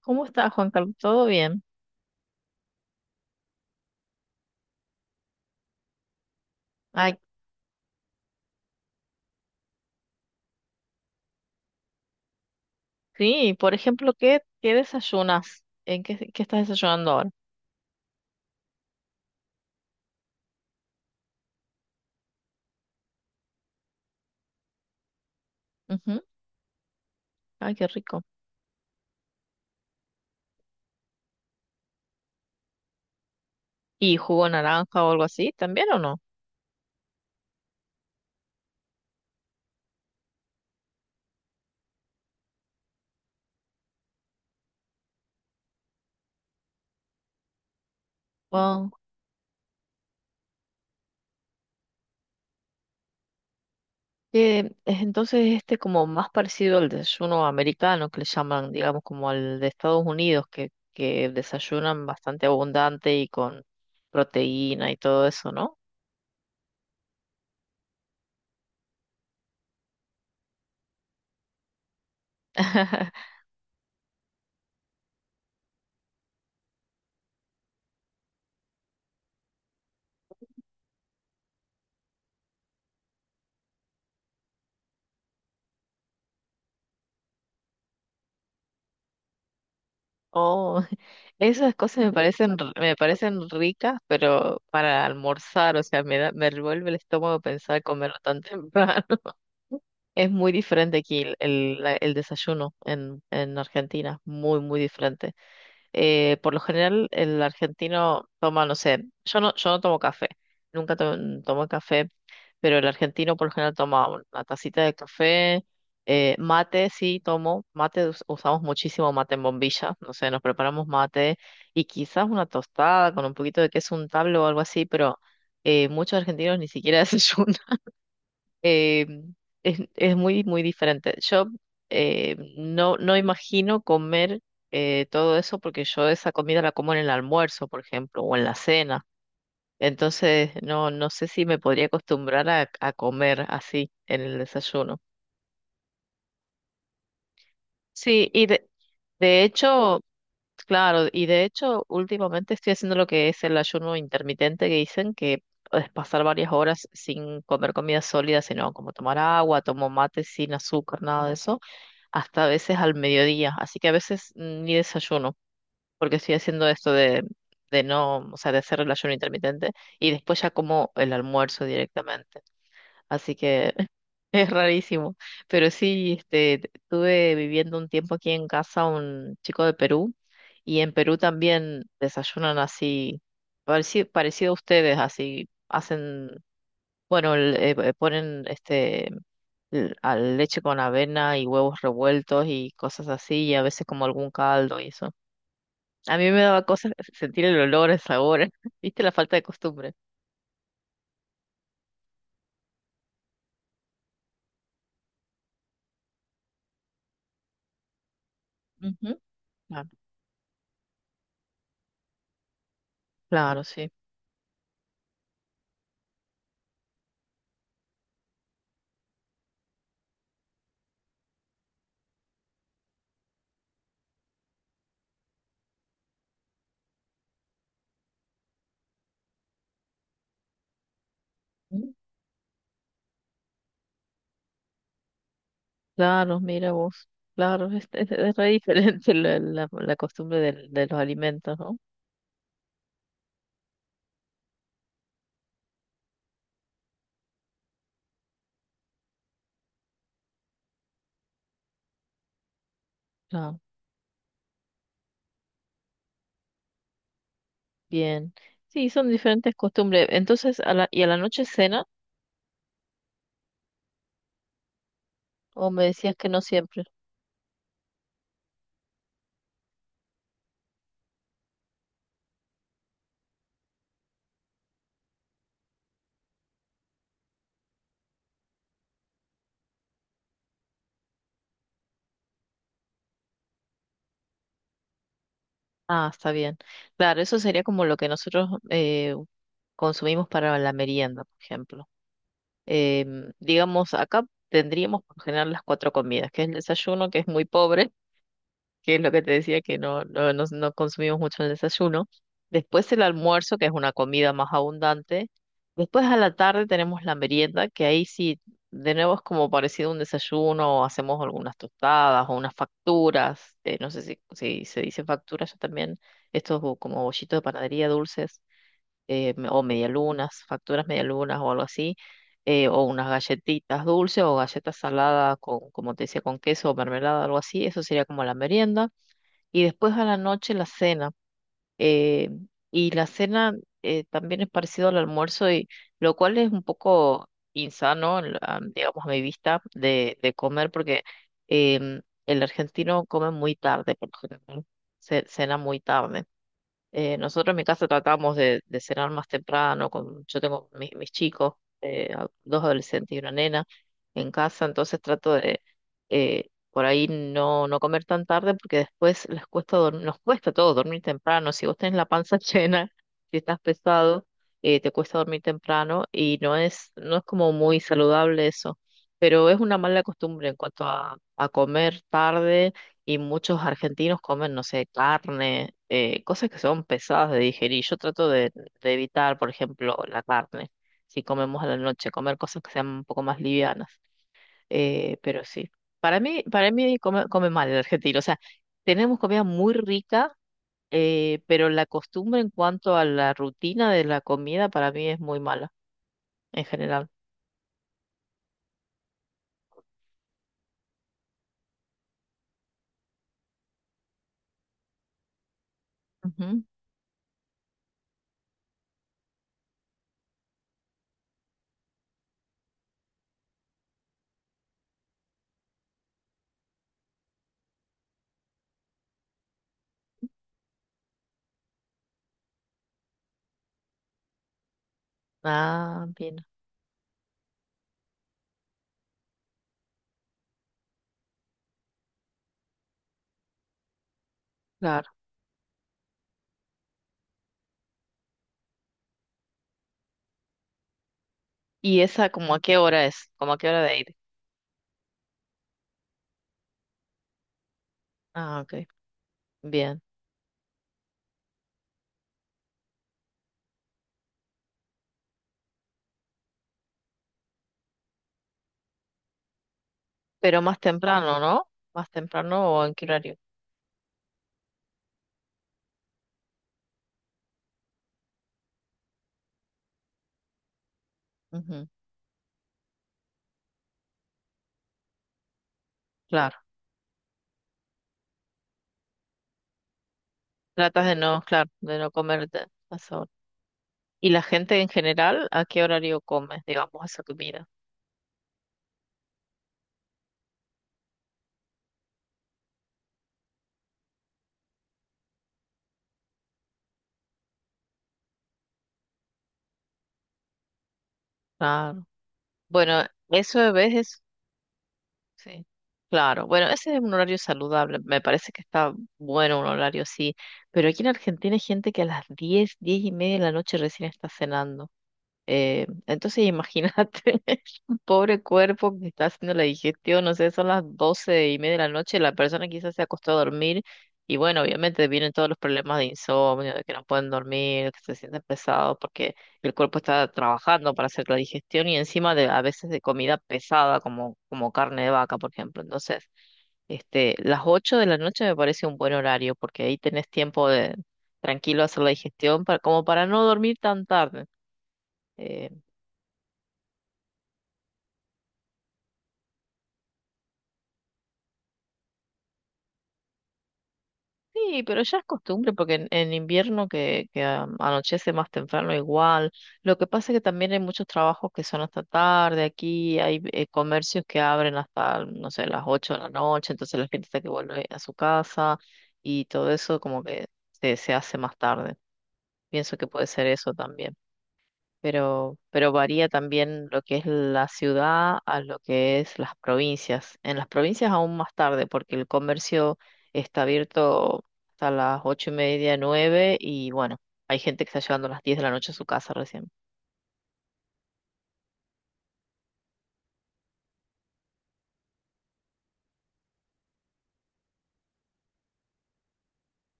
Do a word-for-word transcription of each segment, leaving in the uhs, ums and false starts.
¿Cómo estás, Juan Carlos? ¿Todo bien? Ay, sí, por ejemplo, ¿qué, qué desayunas? ¿En qué, qué estás desayunando ahora? Ujú. Ay, qué rico. ¿Y jugo naranja o algo así también o no? Wow. Eh, es entonces este como más parecido al desayuno americano que le llaman, digamos, como al de Estados Unidos, que, que desayunan bastante abundante y con proteína y todo eso, ¿no? Oh, esas cosas me parecen, r- me parecen ricas, pero para almorzar, o sea, me da, me revuelve el estómago pensar comerlo tan temprano. Es muy diferente aquí el, el, la- el desayuno en, en Argentina, muy, muy diferente. Eh, por lo general, el argentino toma, no sé, yo no, yo no tomo café, nunca to- tomo café, pero el argentino por lo general toma una tacita de café, eh, mate, sí, tomo, mate, us- usamos muchísimo mate en bombilla, no sé, nos preparamos mate y quizás una tostada con un poquito de queso untable o algo así, pero eh, muchos argentinos ni siquiera desayunan, eh, es, es muy, muy diferente. Yo eh, no, no imagino comer, eh, todo eso porque yo esa comida la como en el almuerzo, por ejemplo, o en la cena. Entonces, no, no sé si me podría acostumbrar a, a comer así en el desayuno. Sí, y de, de hecho, claro, y de hecho, últimamente estoy haciendo lo que es el ayuno intermitente que dicen que es pasar varias horas sin comer comida sólida, sino como tomar agua, tomo mate sin azúcar, nada de eso. Hasta a veces al mediodía, así que a veces ni desayuno, porque estoy haciendo esto de, de no, o sea, de hacer el ayuno intermitente y después ya como el almuerzo directamente, así que es rarísimo, pero sí, este, estuve viviendo un tiempo aquí en casa un chico de Perú y en Perú también desayunan así, pareci- parecido, a ustedes, así hacen, bueno, el- eh, ponen este l- a leche con avena y huevos revueltos y cosas así, y a veces como algún caldo y eso. A mí me daba cosas sentir el olor, el sabor, ¿viste? La falta de costumbre. Ujú. Claro, claro, sí. Mm. Claro, mira vos. Claro, es, es- es re diferente la, la, la costumbre del- de los alimentos, ¿no? Claro, bien. Sí, son diferentes costumbres. Entonces, a la, ¿y a la noche cena? ¿O me decías que no siempre? Ah, está bien. Claro, eso sería como lo que nosotros, eh, consumimos para la merienda, por ejemplo. Em, digamos, acá tendríamos por lo general las cuatro comidas, que es el desayuno, que es muy pobre, que es lo que te decía, que no, no, no, no consumimos mucho el desayuno. Después el almuerzo, que es una comida más abundante. Después a la tarde tenemos la merienda, que ahí sí, de nuevo es como parecido a un desayuno, o hacemos algunas tostadas o unas facturas, eh, no sé si, si se dice facturas, yo también, estos bo- como bollitos de panadería dulces, eh, me- o medialunas, facturas medialunas o algo así, eh, o unas galletitas dulces o galletas saladas con, como te decía, con queso o mermelada, algo así, eso sería como la merienda. Y después a la noche la cena. eh, y la cena, eh, también es parecido al almuerzo, y lo cual es un poco insano, en la- digamos, a mi vista, de, de comer, porque em, el argentino come muy tarde, por lo general, ce- cena muy tarde. Eh, nosotros en mi casa tratamos de, de cenar más temprano, con, yo tengo mis, mis chicos, eh, a- dos adolescentes y una nena en casa, entonces trato de, eh, por ahí no, no comer tan tarde porque después les cuesta dormir, nos cuesta a todos dormir temprano, si vos tenés la panza llena, si estás pesado, eh, te cuesta dormir temprano y no es, no es como muy saludable eso, pero es una mala costumbre en cuanto a, a comer tarde y muchos argentinos comen, no sé, carne, eh, cosas que son pesadas de digerir. Yo trato de, de evitar, por ejemplo, la carne, si comemos a la noche, comer cosas que sean un poco más livianas. Eh, pero sí, para mí, para mí come, come mal el argentino. O sea, tenemos comida muy rica, eh, pero la costumbre en cuanto a la rutina de la comida para mí es muy mala en general. Ujú. Ah, bien, claro. ¿Y esa como a qué hora es? ¿Como a qué hora de ir? Ah, ok, bien. Pero más temprano, ¿no? Más temprano o en qué horario. Ujú, claro. Tratas de no, claro, de no comer de- a esa hora. ¿Y la gente en general a qué horario come, digamos, esa comida? Claro. Bueno, eso de vez es, sí. Claro. Bueno, ese es un horario saludable. Me parece que está bueno un horario así. Pero aquí en Argentina hay gente que a las diez, diez y media de la noche recién está cenando. Eh, entonces imagínate. Pobre cuerpo que está haciendo la digestión, no sé, son las doce y media de la noche, la persona quizás se acostó a dormir y bueno, obviamente vienen todos los problemas de insomnio, de que no pueden dormir, que se sienten pesados porque el cuerpo está trabajando para hacer la digestión y encima de a veces de comida pesada como, como carne de vaca, por ejemplo. Entonces, este, las ocho de la noche me parece un buen horario porque ahí tenés tiempo de tranquilo hacer la digestión para, como para no dormir tan tarde. eh, Sí, pero ya es costumbre porque en, en invierno que, que a- anochece más temprano igual. Lo que pasa es que también hay muchos trabajos que son hasta tarde. Aquí hay eh, comercios que abren hasta, no sé, las ocho de la noche, entonces la gente está que vuelve a su casa y todo eso como que se, se hace más tarde. Pienso que puede ser eso también, pero, pero varía también lo que es la ciudad a lo que es las provincias. En las provincias aún más tarde, porque el comercio está abierto hasta las ocho y media, nueve, y bueno, hay gente que está llegando a las diez de la noche a su casa recién.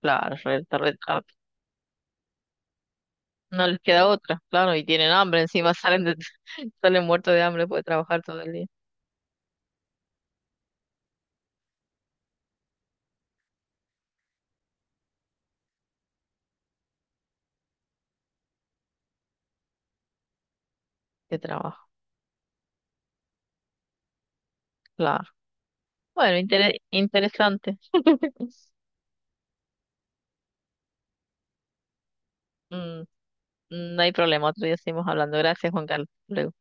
Claro, re tarde, tarde. No les queda otra, claro, y tienen hambre encima, salen de- salen muertos de hambre, puede trabajar todo el día de trabajo, claro. Bueno, intere- interesante. Mm, mm, no hay problema, otro día seguimos hablando. Gracias, Juan Carlos. Hasta luego.